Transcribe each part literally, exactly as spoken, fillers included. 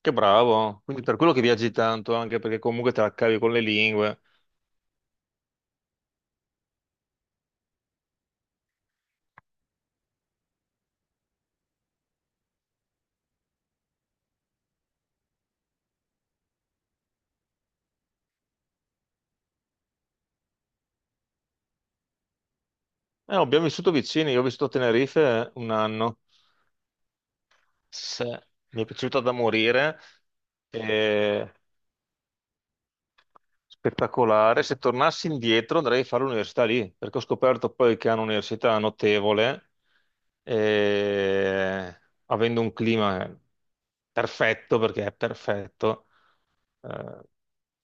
Che bravo, quindi per quello che viaggi tanto, anche perché comunque te la cavi con le lingue. Eh, abbiamo vissuto vicini, io ho vissuto a Tenerife un anno. Se- mi è piaciuta da morire, eh, spettacolare. Se tornassi indietro andrei a fare l'università lì, perché ho scoperto poi che hanno un'università notevole, eh, avendo un clima perfetto, perché è perfetto. eh,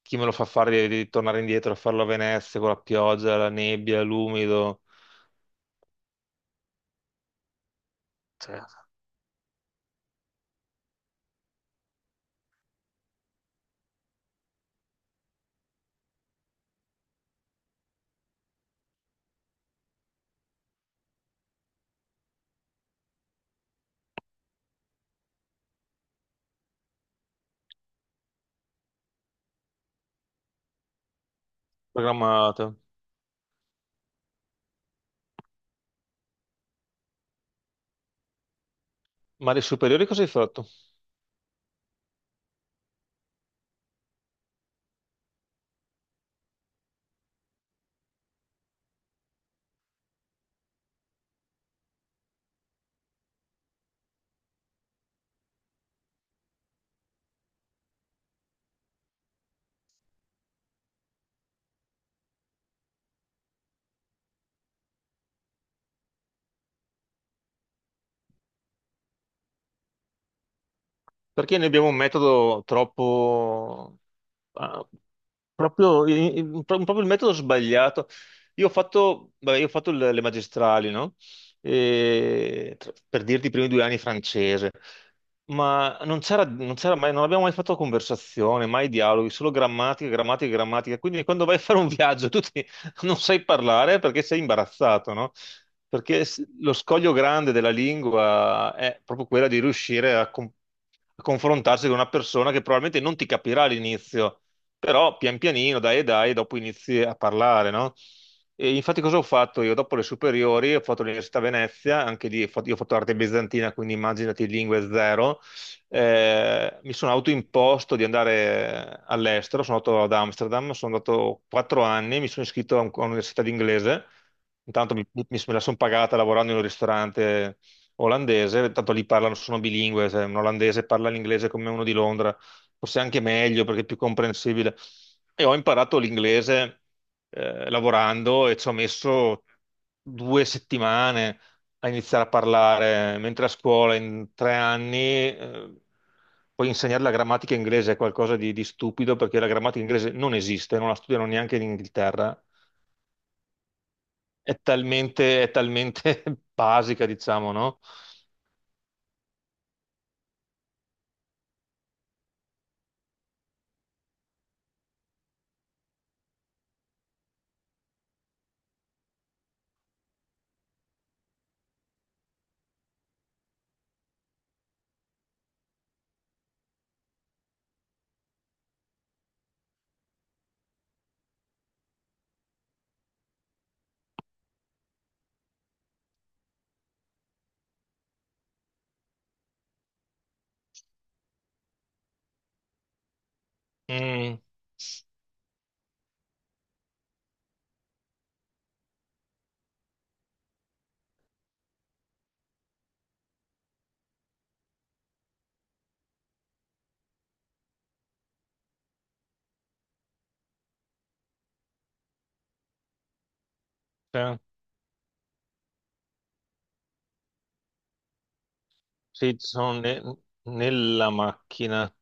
Chi me lo fa fare di, di tornare indietro a farlo a Venezia con la pioggia, la nebbia, l'umido? Cioè, programmate. Ma le superiori cosa hai fatto? Perché noi abbiamo un metodo troppo. Ah, proprio, i- i- pro- proprio il metodo sbagliato. Io ho fatto, vabbè, io ho fatto le, le magistrali, no? E, tra- per dirti i primi due anni francese. Ma non c'era non c'era mai, non abbiamo mai fatto conversazione, mai dialoghi, solo grammatica, grammatica, grammatica. Quindi quando vai a fare un viaggio, tu ti, non sai parlare perché sei imbarazzato, no? Perché s- lo scoglio grande della lingua è proprio quella di riuscire a, con- a confrontarsi con una persona che probabilmente non ti capirà all'inizio, però pian pianino, dai e dai, dopo inizi a parlare, no? E infatti cosa ho fatto io? Dopo le superiori ho fatto l'università a Venezia, anche lì ho fatto, io ho fatto arte bizantina, quindi immaginati lingue zero. Eh, mi sono autoimposto di andare all'estero, sono andato ad Amsterdam, sono andato quattro anni, mi sono iscritto a un- a un'università di inglese, intanto mi, mi- me la sono pagata lavorando in un ristorante olandese, tanto lì parlano, sono bilingue, se un olandese parla l'inglese come uno di Londra, forse anche meglio perché è più comprensibile. E ho imparato l'inglese eh, lavorando e ci ho messo due settimane a iniziare a parlare, mentre a scuola in tre anni eh, puoi insegnare la grammatica inglese, è qualcosa di, di stupido perché la grammatica inglese non esiste, non la studiano neanche in Inghilterra, è talmente, è talmente basica, diciamo, no? Mm, sì, sì, ci sono ne- nella macchina.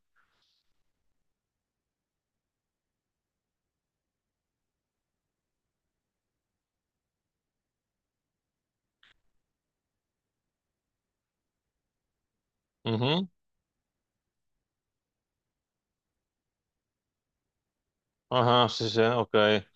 Mhm. Ah, sì, sì, ok.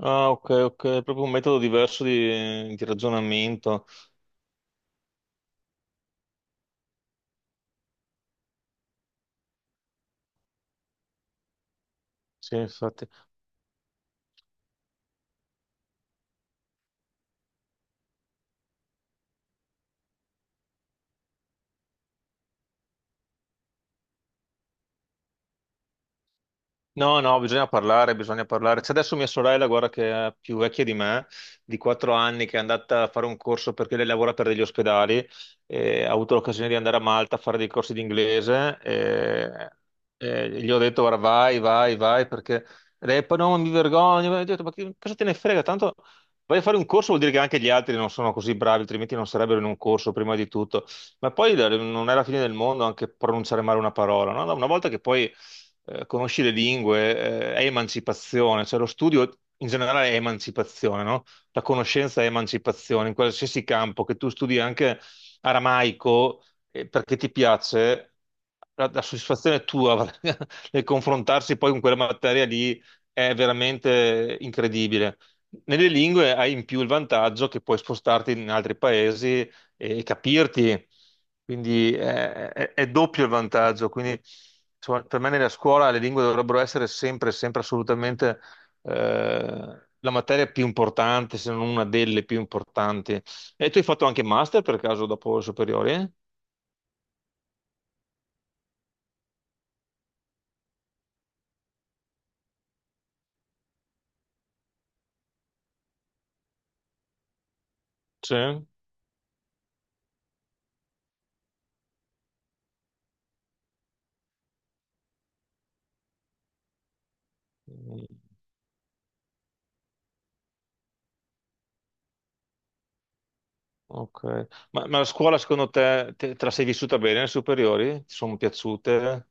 Ah, ok, ok, è proprio un metodo diverso di, di ragionamento. Sì, infatti. No, no, bisogna parlare, bisogna parlare. C'è adesso mia sorella, guarda, che è più vecchia di me, di quattro anni, che è andata a fare un corso perché lei lavora per degli ospedali e ha avuto l'occasione di andare a Malta a fare dei corsi di inglese e, e gli ho detto, guarda, vai, vai, vai, perché lei poi no, mi vergogno, ho detto, ma che- cosa te ne frega? Tanto vai a fare un corso vuol dire che anche gli altri non sono così bravi, altrimenti non sarebbero in un corso prima di tutto. Ma poi eh, non è la fine del mondo anche pronunciare male una parola, no? Una volta che poi eh, conosci le lingue, eh, è emancipazione, cioè lo studio in generale è emancipazione, no? La conoscenza è emancipazione, in qualsiasi campo, che tu studi anche aramaico eh, perché ti piace, la, la soddisfazione tua nel confrontarsi poi con quella materia lì è veramente incredibile. Nelle lingue hai in più il vantaggio che puoi spostarti in altri paesi e capirti. Quindi eh, è, è doppio il vantaggio. Quindi insomma, per me nella scuola le lingue dovrebbero essere sempre, sempre assolutamente eh, la materia più importante, se non una delle più importanti. E tu hai fatto anche master per caso dopo le superiori? Sì. Mm, ok. Ma, ma la scuola secondo te, te, te la sei vissuta bene le superiori? Ti sono piaciute?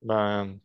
Beh.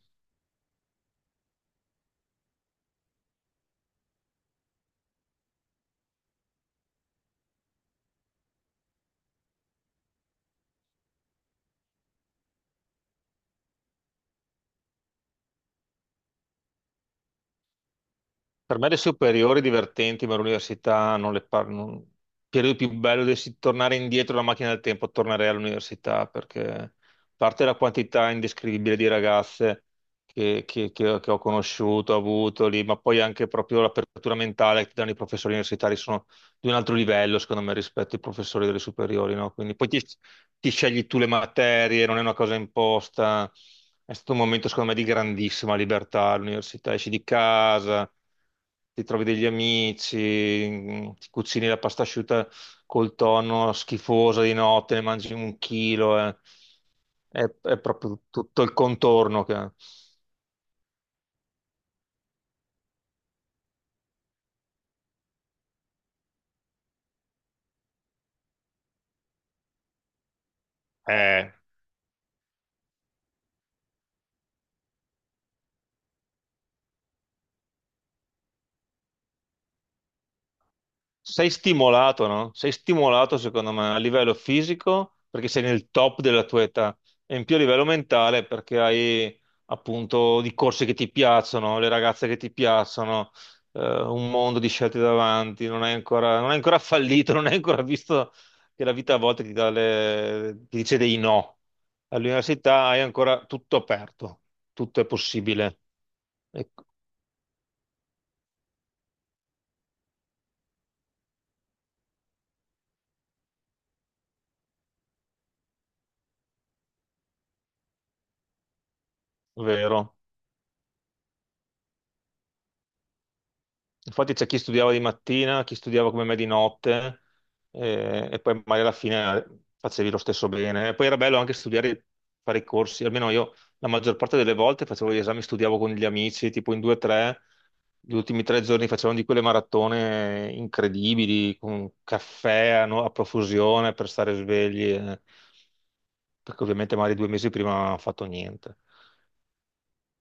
Per me le superiori divertenti, ma l'università non le parlo. non- Il periodo più bello dovessi tornare indietro la macchina del tempo, tornerei all'università perché a parte la quantità indescrivibile di ragazze che, che- che- che ho conosciuto, ho avuto lì, ma poi anche proprio l'apertura mentale che ti danno i professori universitari sono di un altro livello, secondo me, rispetto ai professori delle superiori, no? Quindi poi ti, ti scegli tu le materie, non è una cosa imposta. È stato un momento, secondo me, di grandissima libertà all'università. Esci di casa, ti trovi degli amici, mh, ti cucini la pasta asciutta col tonno schifosa di notte, ne mangi un chilo. eh. È, è proprio tutto il contorno che. Eh, Sei stimolato, no? Sei stimolato, secondo me, a livello fisico perché sei nel top della tua età e in più a livello mentale perché hai appunto di corse che ti piacciono, le ragazze che ti piacciono, eh, un mondo di scelte davanti, non hai ancora, non hai ancora fallito, non hai ancora visto che la vita a volte ti dà le- ti dice dei no. All'università hai ancora tutto aperto, tutto è possibile, è vero. Infatti c'è chi studiava di mattina, chi studiava come me di notte, eh, e poi magari alla fine eh, facevi lo stesso bene. E poi era bello anche studiare, fare i corsi, almeno io la maggior parte delle volte facevo gli esami, studiavo con gli amici, tipo in due o tre, gli ultimi tre giorni facevamo di quelle maratone incredibili, con caffè a, no- a profusione per stare svegli, eh, perché ovviamente magari due mesi prima non ho fatto niente.